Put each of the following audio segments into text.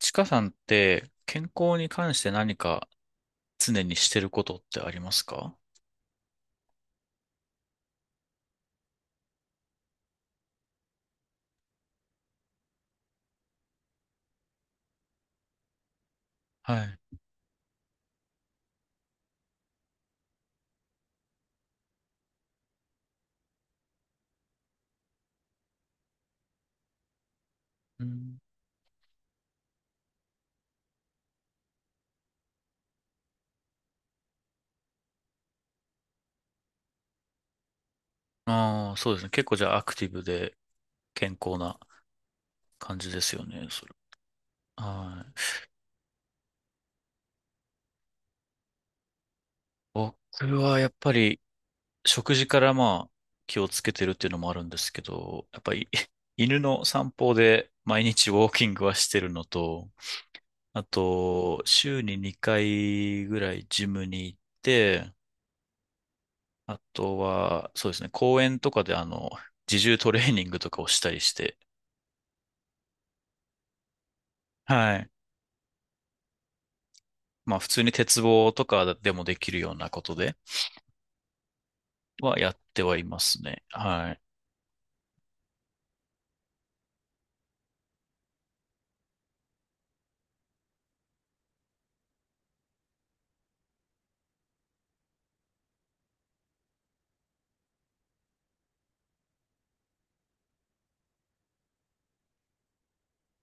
ちかさんって健康に関して何か常にしてることってありますか？はい。うん、ああ、そうですね。結構じゃあアクティブで健康な感じですよね、それ。はい。僕はやっぱり食事からまあ気をつけてるっていうのもあるんですけど、やっぱり 犬の散歩で毎日ウォーキングはしてるのと、あと週に2回ぐらいジムに行って、あとは、そうですね、公園とかで自重トレーニングとかをしたりして、はい。まあ普通に鉄棒とかでもできるようなことではやってはいますね。はい。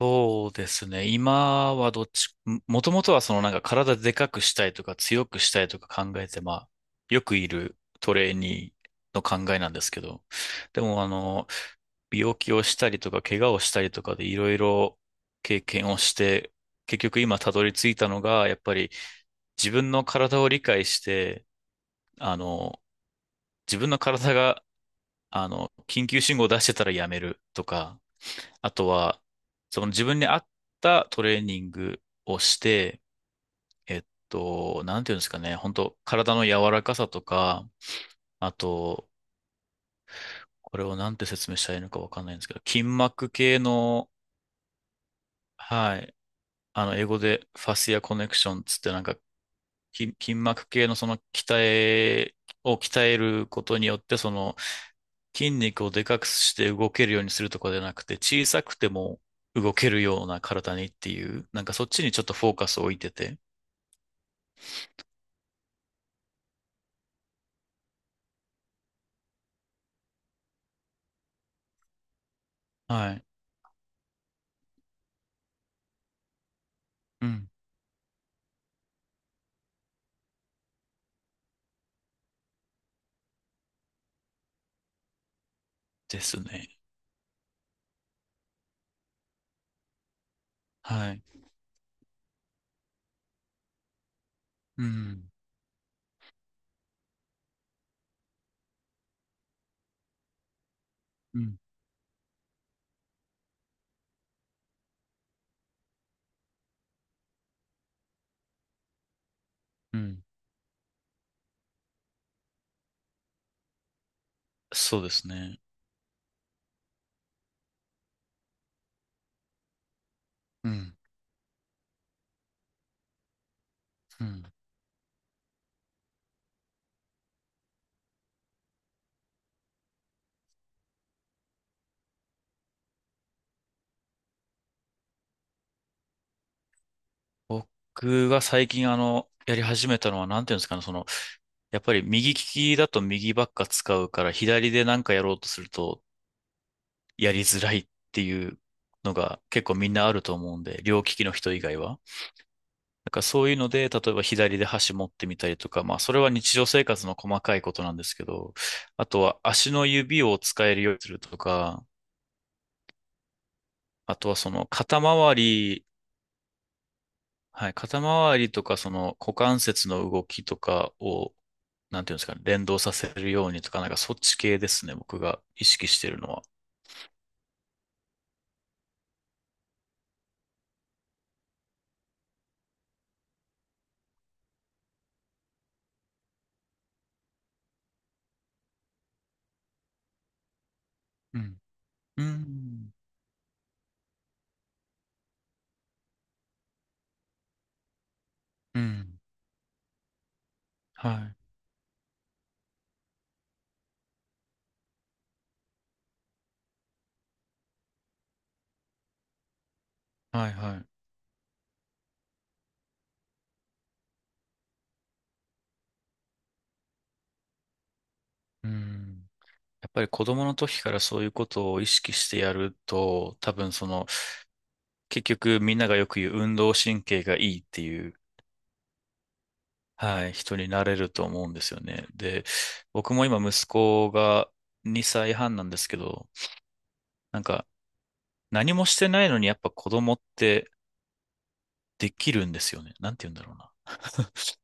そうですね。今はどっち、ももともとはそのなんか体でかくしたいとか強くしたいとか考えて、まあ、よくいるトレーニーの考えなんですけど、でも病気をしたりとか怪我をしたりとかでいろいろ経験をして、結局今たどり着いたのが、やっぱり自分の体を理解して、あの、自分の体が、緊急信号を出してたらやめるとか、あとは、その自分に合ったトレーニングをして、なんていうんですかね、本当体の柔らかさとか、あと、これをなんて説明したらいいのかわかんないんですけど、筋膜系の、はい、英語でファシアコネクションつってなんか、筋膜系のそのを鍛えることによって、その筋肉をでかくして動けるようにするとかじゃなくて、小さくても動けるような体にっていう、なんかそっちにちょっとフォーカスを置いてて、はい。うん。ですね。はい。うん。うん。うん。そうですね。うん。うん。僕が最近やり始めたのは、なんていうんですかね、その、やっぱり右利きだと右ばっか使うから、左でなんかやろうとするとやりづらいっていうのが結構みんなあると思うんで、両利きの人以外は。だからそういうので、例えば左で箸持ってみたりとか、まあそれは日常生活の細かいことなんですけど、あとは足の指を使えるようにするとか、あとはその肩周り、はい、肩周りとかその股関節の動きとかを、なんていうんですかね、連動させるようにとか、なんかそっち系ですね、僕が意識してるのは。うん。うん。うん。はい。はい、はい。うん。やっぱり子供の時からそういうことを意識してやると、多分その、結局みんながよく言う運動神経がいいっていう、はい、人になれると思うんですよね。で、僕も今息子が2歳半なんですけど、なんか、何もしてないのにやっぱ子供ってできるんですよね。なんて言うんだろうな。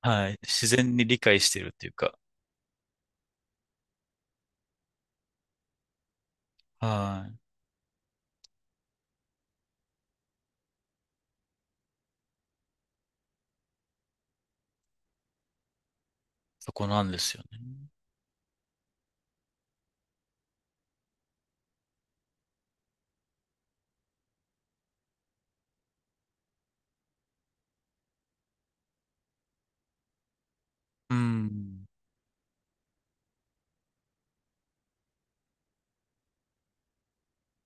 はい。自然に理解してるっていうか。はい。そこなんですよね。うん。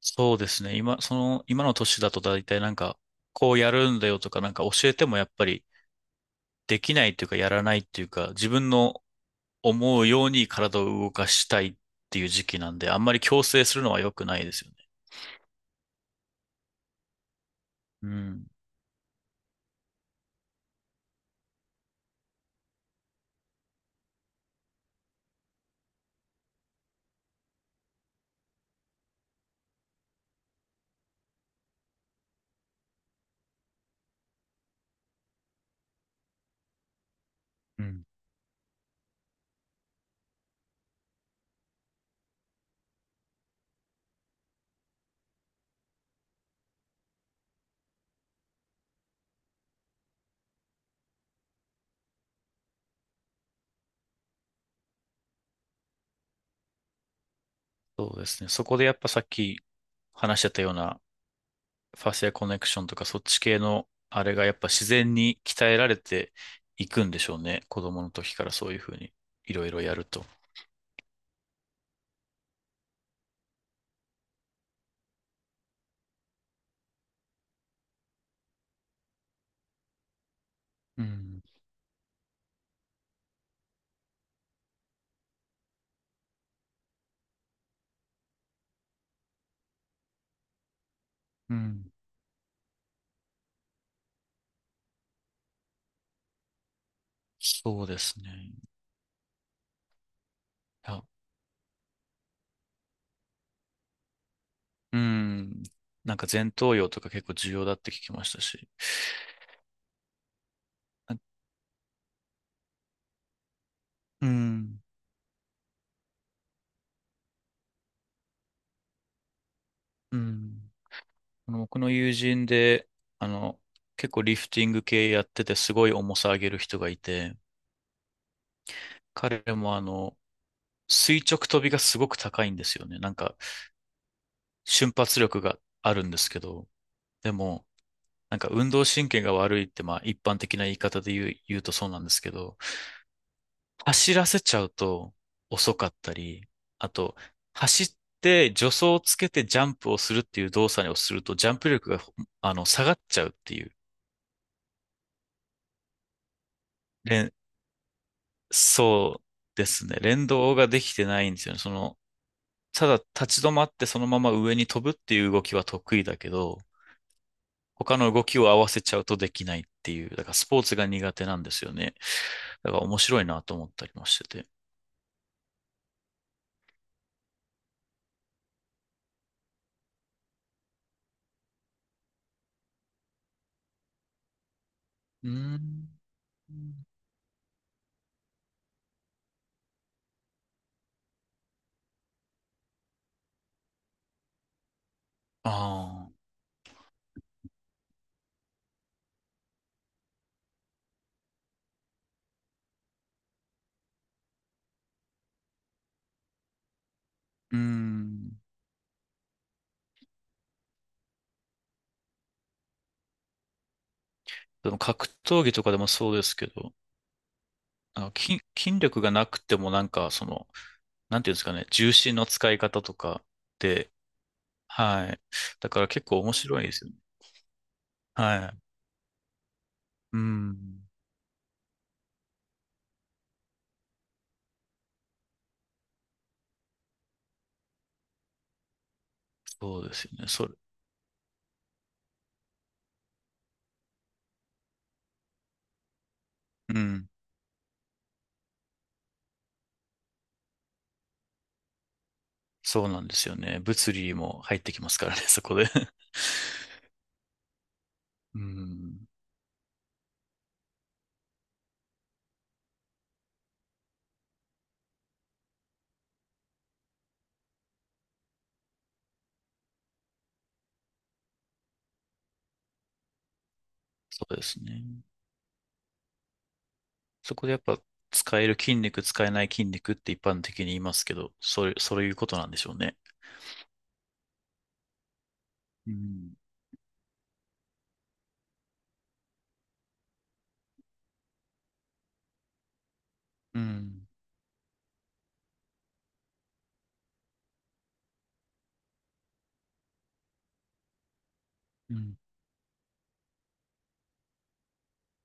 そうですね。今、その、今の年だと大体なんか、こうやるんだよとかなんか教えてもやっぱりできないっていうかやらないっていうか、自分の思うように体を動かしたいっていう時期なんで、あんまり強制するのは良くないですよね。うん。うん。そうですね。そこでやっぱさっき話してたような、ファシアコネクションとかそっち系のあれがやっぱ自然に鍛えられていくんでしょうね。子供の時からそういうふうにいろいろやると。うん。うん。そうですね。あ、うん。なんか前頭葉とか結構重要だって聞きましたし。あうん。うん。僕の友人で、あの、結構リフティング系やっててすごい重さ上げる人がいて、彼も垂直跳びがすごく高いんですよね。なんか、瞬発力があるんですけど、でも、なんか運動神経が悪いって、まあ一般的な言い方で言うとそうなんですけど、走らせちゃうと遅かったり、あと、走って助走をつけてジャンプをするっていう動作をすると、ジャンプ力が、下がっちゃうっていう、連そうですね。連動ができてないんですよね。その、ただ立ち止まってそのまま上に飛ぶっていう動きは得意だけど、他の動きを合わせちゃうとできないっていう、だからスポーツが苦手なんですよね。だから面白いなと思ったりもしてて。うーん。ああ、うーん。でも格闘技とかでもそうですけど、筋力がなくてもなんかその、なんていうんですかね、重心の使い方とかで、はい。だから結構面白いですよね。はい。うん。そうですよね。それ、うん。そうなんですよね。物理も入ってきますからね、そこで。うん。そうですね。そこでやっぱ使える筋肉、使えない筋肉って一般的に言いますけど、それ、そういうことなんでしょうね。うん。うん。うん